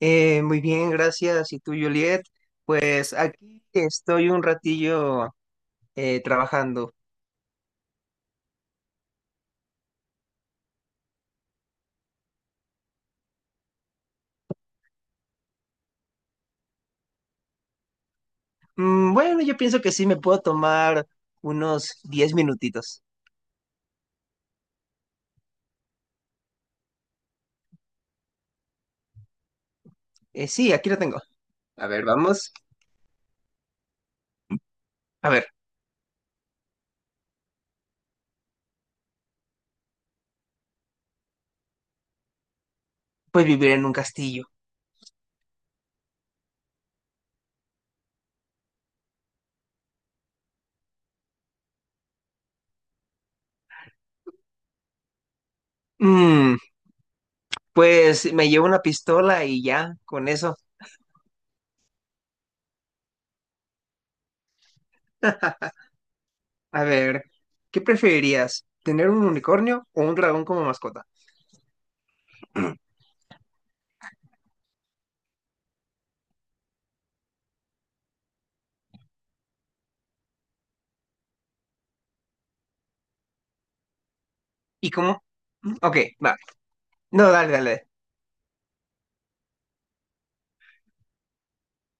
Muy bien, gracias. ¿Y tú, Juliet? Pues aquí estoy un ratillo trabajando. Bueno, yo pienso que sí me puedo tomar unos 10 minutitos. Sí, aquí lo tengo. A ver, vamos. A ver, pues vivir en un castillo. Mm, pues me llevo una pistola y ya, con eso. A ver, ¿qué preferirías? ¿Tener un unicornio o un dragón como mascota? ¿Y cómo? Ok, va. No, dale, dale.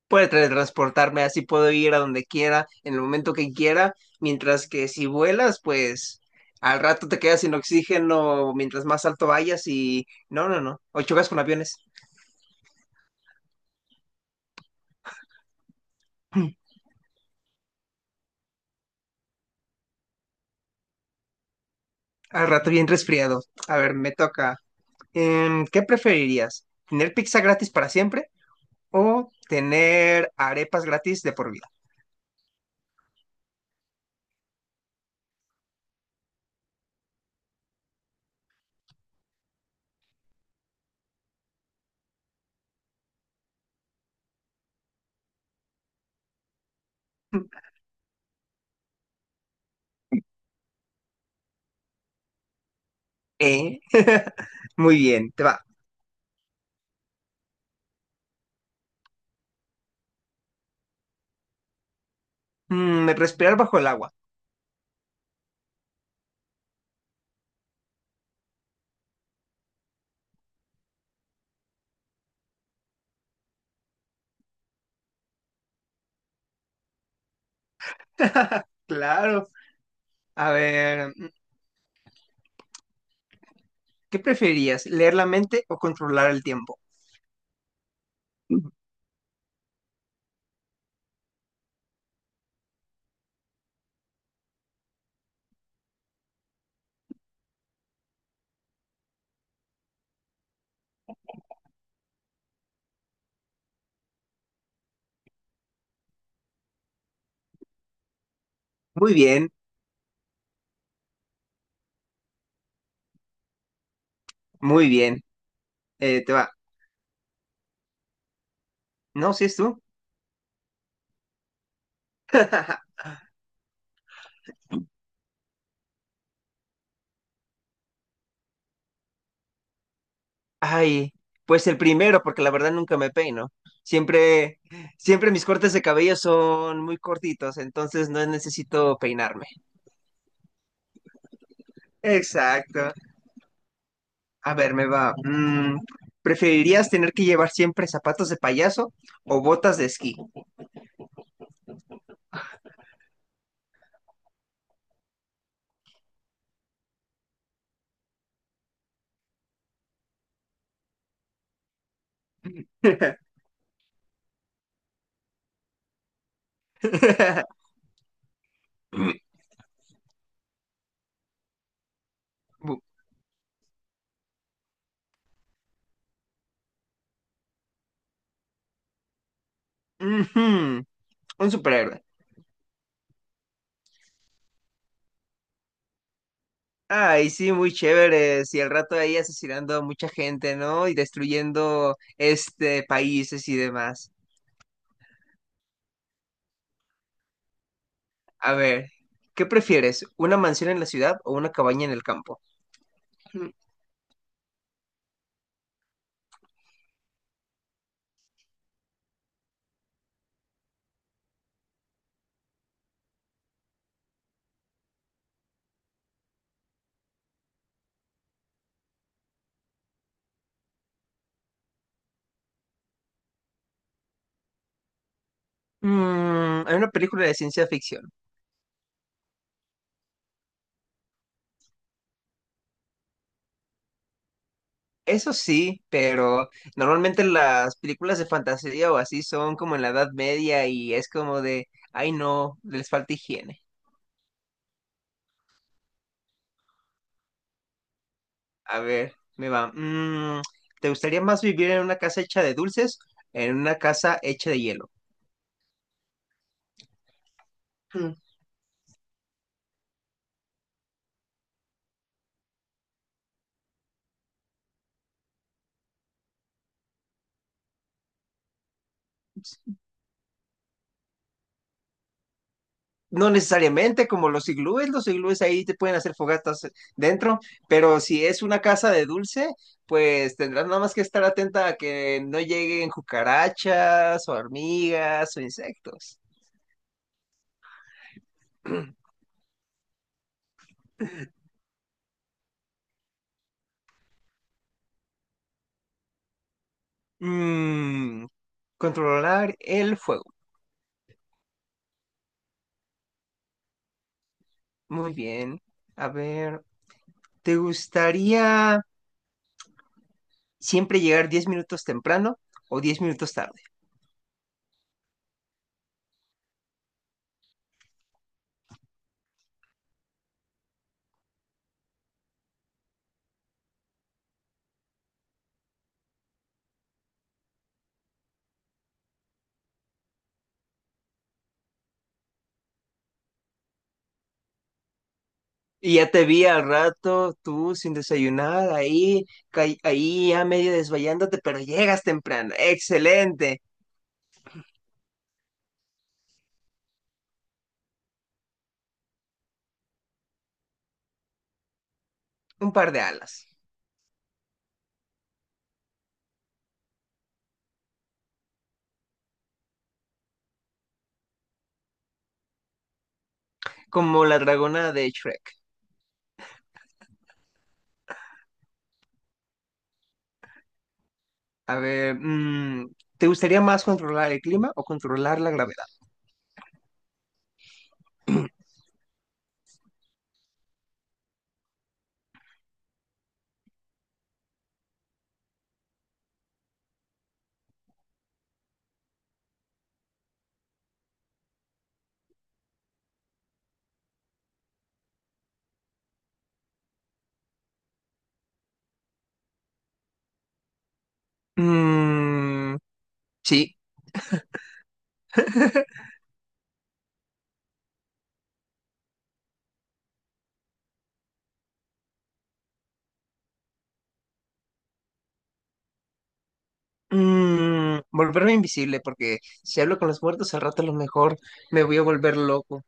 Puede teletransportarme, así puedo ir a donde quiera, en el momento que quiera, mientras que si vuelas, pues al rato te quedas sin oxígeno mientras más alto vayas y no, no, no, o chocas con aviones. Al rato bien resfriado. A ver, me toca. ¿Qué preferirías? ¿Tener pizza gratis para siempre o tener arepas gratis de por vida? ¿Eh? Muy bien, te va. Respirar bajo el agua. Claro. A ver, ¿qué preferías, leer la mente o controlar el tiempo? Muy bien, muy bien. Te va. No, si es tú. Ay, pues el primero, porque la verdad nunca me peino. Siempre, Siempre mis cortes de cabello son muy cortitos, entonces no necesito peinarme. Exacto. A ver, me va. ¿Preferirías tener que llevar siempre zapatos de payaso o botas de esquí? Ujú. Un superhéroe. Ay, sí, muy chévere. Y al rato ahí asesinando a mucha gente, ¿no? Y destruyendo este países y demás. A ver, ¿qué prefieres? ¿Una mansión en la ciudad o una cabaña en el campo? Mm, hay una película de ciencia ficción. Eso sí, pero normalmente las películas de fantasía o así son como en la Edad Media y es como de, ay no, les falta higiene. A ver, me va. ¿Te gustaría más vivir en una casa hecha de dulces, en una casa hecha de hielo? Mm. No necesariamente como los iglúes ahí te pueden hacer fogatas dentro, pero si es una casa de dulce, pues tendrás nada más que estar atenta a que no lleguen cucarachas o hormigas o insectos. Mm, Controlar el fuego. Muy bien. A ver, ¿te gustaría siempre llegar 10 minutos temprano o 10 minutos tarde? Y ya te vi al rato, tú sin desayunar, ahí, ahí ya medio desvayándote, pero llegas temprano. Excelente. Un par de alas, como la dragona de Shrek. A ver, mm, ¿te gustaría más controlar el clima o controlar la gravedad? Mm, sí. Mm, volverme invisible, porque si hablo con los muertos al rato a lo mejor me voy a volver loco.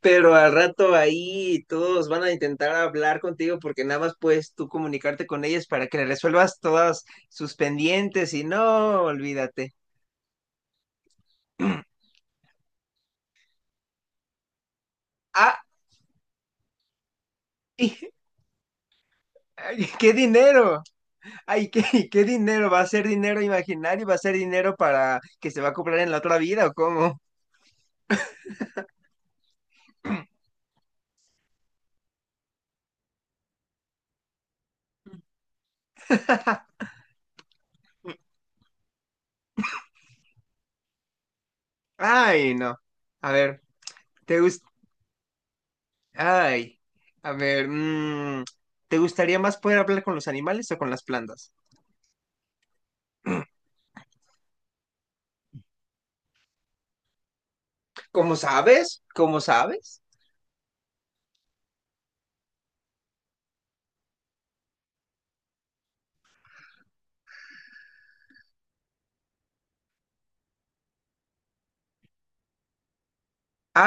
Pero al rato ahí todos van a intentar hablar contigo porque nada más puedes tú comunicarte con ellas para que le resuelvas todas sus pendientes y no, olvídate. Ah, y- ay, qué dinero. Ay, qué, qué dinero. ¿Va a ser dinero imaginario? ¿Va a ser dinero para que se va a comprar en la otra vida o cómo? Ay, no. A ver, ¿te gusta? Ay, a ver, mm, ¿te gustaría más poder hablar con los animales o con las plantas? ¿Cómo sabes? ¿Cómo sabes?